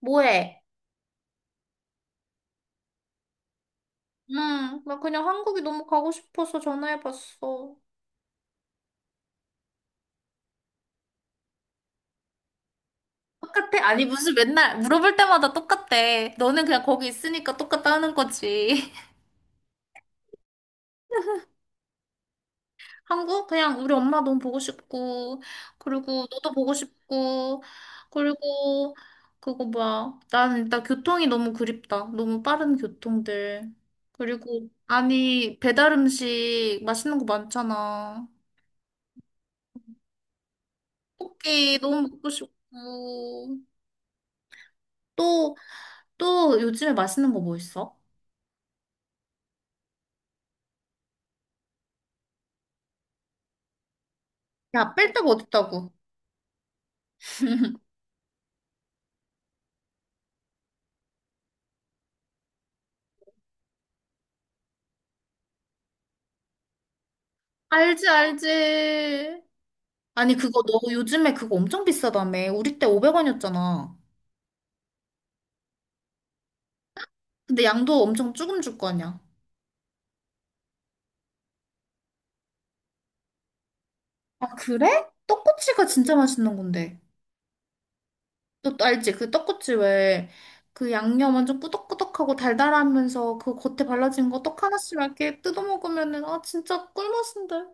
뭐해? 응. 나 그냥 한국이 너무 가고 싶어서 전화해봤어. 똑같아? 아니, 무슨 맨날 물어볼 때마다 똑같대. 너는 그냥 거기 있으니까 똑같다는 거지. 한국? 그냥 우리 엄마 너무 보고 싶고, 그리고 너도 보고 싶고, 그리고 그거 뭐야. 난 일단 교통이 너무 그립다. 너무 빠른 교통들. 그리고, 아니, 배달 음식 맛있는 거 많잖아. 떡볶이 너무 먹고 싶고. 또 요즘에 맛있는 거 뭐 있어? 야, 뺄 데가 어딨다고. 알지, 알지. 아니, 그거 너 요즘에 그거 엄청 비싸다며. 우리 때 500원이었잖아. 근데 양도 엄청 조금 줄 거 아니야. 아, 그래? 떡꼬치가 진짜 맛있는 건데. 너또 알지? 그 떡꼬치 왜 그 양념 완전 꾸덕꾸덕하고 달달하면서 그 겉에 발라진 거 떡 하나씩 이렇게 뜯어 먹으면은 아 진짜 꿀맛인데.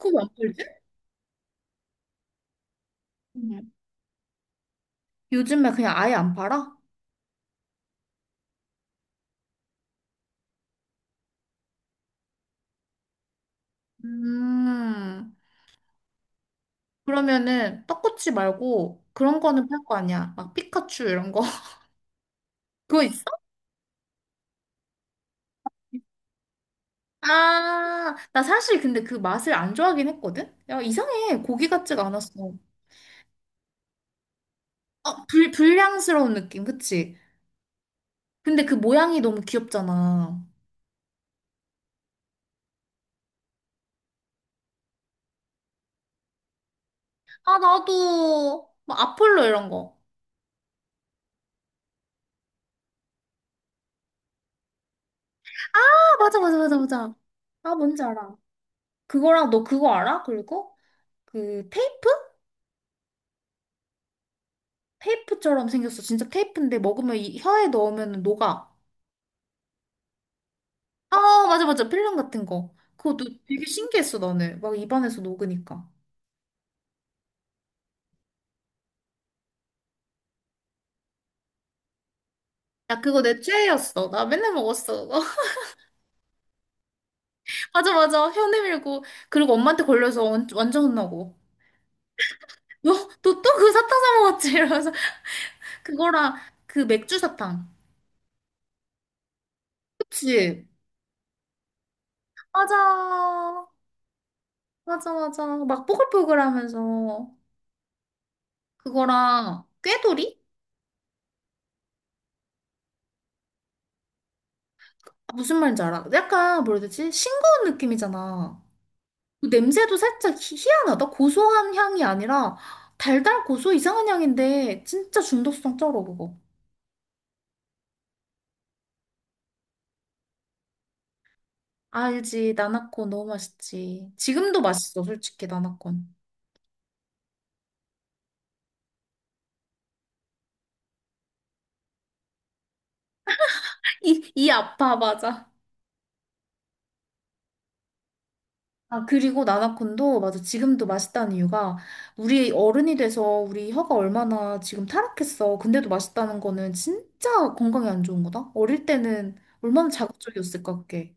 그거 왜안 팔지? 응. 요즘에 그냥 아예 안 팔아? 음. 그러면은 떡꼬치 말고 그런 거는 팔 거 아니야. 막 피카츄 이런 거. 그거 있어? 아, 나 사실 근데 그 맛을 안 좋아하긴 했거든? 야, 이상해. 고기 같지가 않았어. 어, 불량스러운 느낌, 그치? 근데 그 모양이 너무 귀엽잖아. 아, 나도. 막 아폴로 이런 거. 아, 맞아, 맞아, 맞아, 맞아. 아, 뭔지 알아. 그거랑 너 그거 알아? 그리고 그 테이프? 테이프처럼 생겼어. 진짜 테이프인데 먹으면 이 혀에 넣으면 녹아. 아, 맞아, 맞아. 필름 같은 거. 그것도 되게 신기했어, 나는. 막 입안에서 녹으니까. 야, 그거 내 최애였어. 나 맨날 먹었어. 맞아, 맞아. 혀 내밀고. 그리고 엄마한테 걸려서 완전 혼나고. 너, 너 또 그 사탕 사 먹었지? 이러면서. 그거랑 그 맥주 사탕. 그치? 맞아. 맞아, 맞아. 막 뽀글뽀글 하면서. 그거랑 꾀돌이? 아, 무슨 말인지 알아? 약간 뭐라 해야 되지? 싱거운 느낌이잖아. 그 냄새도 살짝 희한하다. 고소한 향이 아니라 달달 고소 이상한 향인데 진짜 중독성 쩔어 그거. 알지 나나콘 너무 맛있지. 지금도 맛있어 솔직히 나나콘. 이 아파 맞아. 아 그리고 나나콘도 맞아 지금도 맛있다는 이유가 우리 어른이 돼서 우리 혀가 얼마나 지금 타락했어. 근데도 맛있다는 거는 진짜 건강에 안 좋은 거다. 어릴 때는 얼마나 자극적이었을까 그게.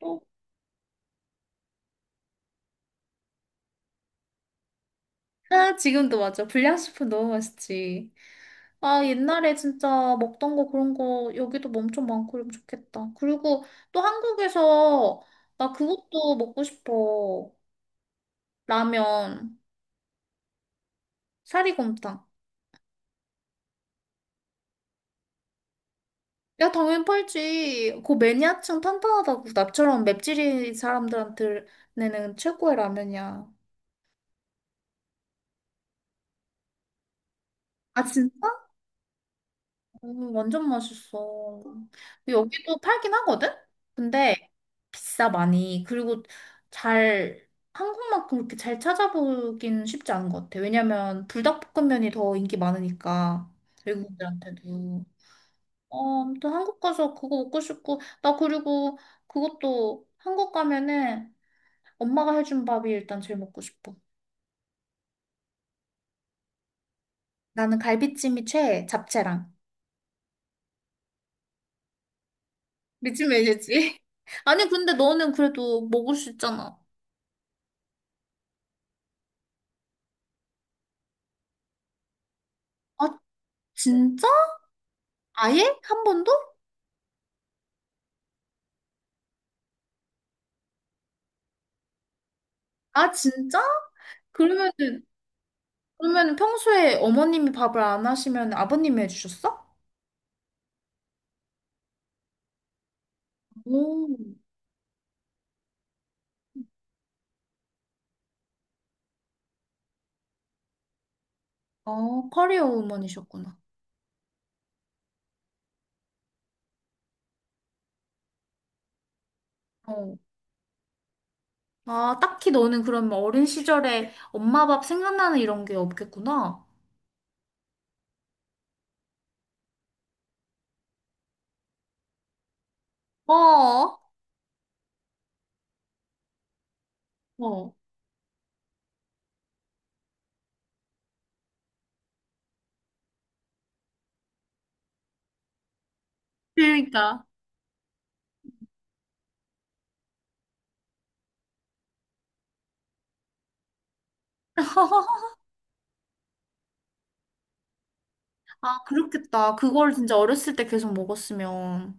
어. 아 지금도 맞아 불량식품 너무 맛있지. 아, 옛날에 진짜 먹던 거 그런 거 여기도 엄청 많고 이러면 좋겠다. 그리고 또 한국에서 나 그것도 먹고 싶어. 라면, 사리곰탕. 야, 당연히 팔지. 그 매니아층 탄탄하다고. 나처럼 맵찔이 사람들한테는 최고의 라면이야. 아, 진짜? 완전 맛있어. 여기도 팔긴 하거든? 근데 비싸 많이. 그리고 잘 한국만큼 그렇게 잘 찾아보긴 쉽지 않은 것 같아. 왜냐면 불닭볶음면이 더 인기 많으니까 외국인들한테도. 어, 아무튼 한국 가서 그거 먹고 싶고 나 그리고 그것도 한국 가면은 엄마가 해준 밥이 일단 제일 먹고 싶어. 나는 갈비찜이 최애, 잡채랑. 미친 메뉴지. 아니 근데 너는 그래도 먹을 수 있잖아. 아, 진짜? 아예? 한 번도? 아, 진짜? 그러면은, 그러면은 평소에 어머님이 밥을 안 하시면 아버님이 해주셨어? 오, 어, 커리어 우먼이셨구나. 어. 아, 딱히 너는 그럼 어린 시절에 엄마 밥 생각나는 이런 게 없겠구나. 어, 어. 그러니까. 아, 그렇겠다. 그걸 진짜 어렸을 때 계속 먹었으면.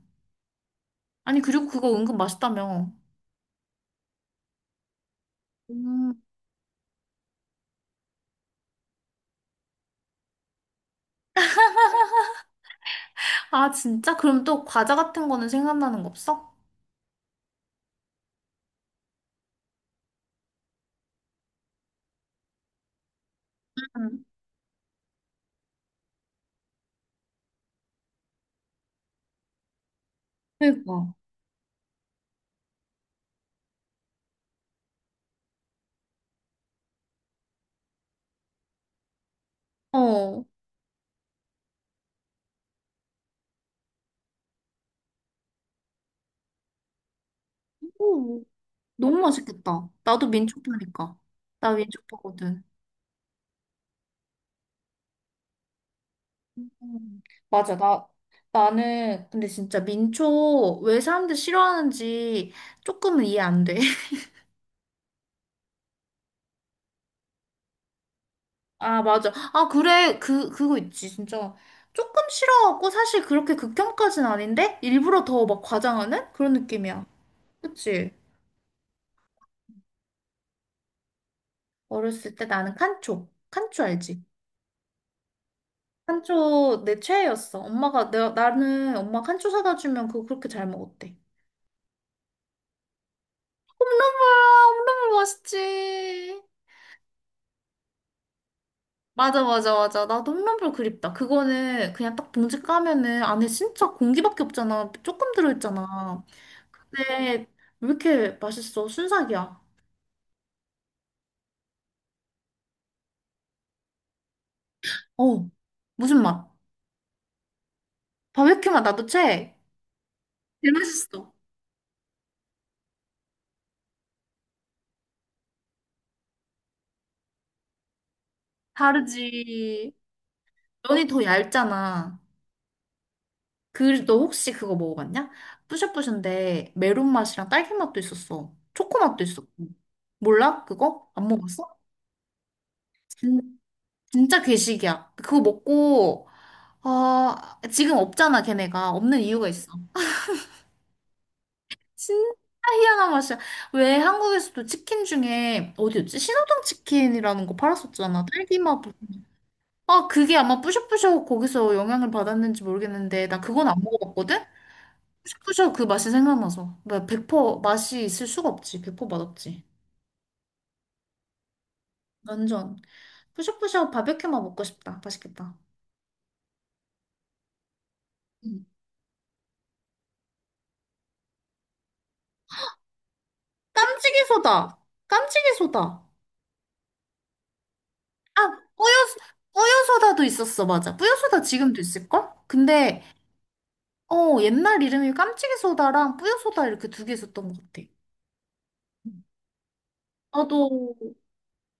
아니, 그리고 그거 은근 맛있다며. 음. 아, 진짜? 그럼 또 과자 같은 거는 생각나는 거 없어? 그러니까. 어. 오, 너무 맛있겠다. 나도 민초파니까. 나 민초파거든. 음, 맞아. 나는 근데 진짜 민초 왜 사람들 싫어하는지 조금은 이해 안 돼. 아, 맞아. 아, 그래. 그거 있지. 진짜. 조금 싫어하고 사실 그렇게 극혐까진 아닌데 일부러 더 막 과장하는 그런 느낌이야. 그치? 어렸을 때 나는 칸초. 칸초 알지? 칸초 내 최애였어. 엄마가 내가 나는 엄마 칸초 사다 주면 그거 그렇게 잘 먹었대. 홈런볼 홈런볼 맛있지. 맞아 맞아 맞아. 나도 홈런볼 그립다. 그거는 그냥 딱 봉지 까면은 안에 진짜 공기밖에 없잖아. 조금 들어있잖아. 근데 왜 이렇게 맛있어? 순삭이야. 어 무슨 맛? 바베큐 맛 나도 최애. 제일 맛있어. 다르지. 면이 더 얇잖아. 그, 너 혹시 그거 먹어봤냐? 뿌셔뿌셔인데 메론 맛이랑 딸기 맛도 있었어. 초코 맛도 있었고. 몰라? 그거? 안 먹었어? 진, 진짜 괴식이야. 그거 먹고, 아, 지금 없잖아, 걔네가. 없는 이유가 있어. 진짜 희한한 맛이야. 왜 한국에서도 치킨 중에, 어디였지? 신호등 치킨이라는 거 팔았었잖아. 딸기 맛. 아, 그게 아마 뿌셔뿌셔 거기서 영향을 받았는지 모르겠는데, 나 그건 안 먹어봤거든? 샤브샤브 그 맛이 생각나서. 뭐, 100% 맛이 있을 수가 없지. 100% 맛없지. 완전. 푸샤푸샤 바베큐만 먹고 싶다. 맛있겠다. 음. 깜찍이 소다. 깜찍이 소다. 아, 뿌여, 뿌여 소다도 있었어. 맞아. 뿌여 소다 지금도 있을걸? 근데, 어, 옛날 이름이 깜찍이 소다랑 뿌여 소다 이렇게 2개 있었던 것 같아. 나도,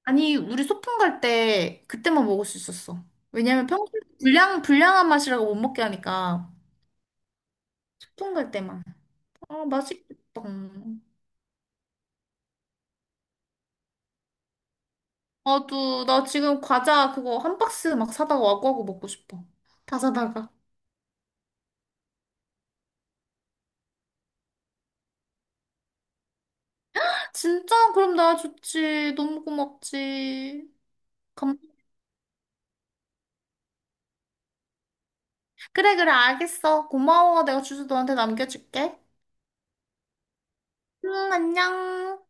아니, 우리 소풍 갈 때 그때만 먹을 수 있었어. 왜냐면 평소에 불량한 맛이라고 못 먹게 하니까. 소풍 갈 때만. 아, 맛있겠다. 나도, 나 지금 과자 그거 1박스 막 사다가 와구와구 먹고 싶어. 다 사다가. 진짜? 그럼 나 좋지. 너무 고맙지. 감... 그래, 그래, 알겠어. 고마워. 내가 주소 너한테 남겨줄게. 응, 안녕.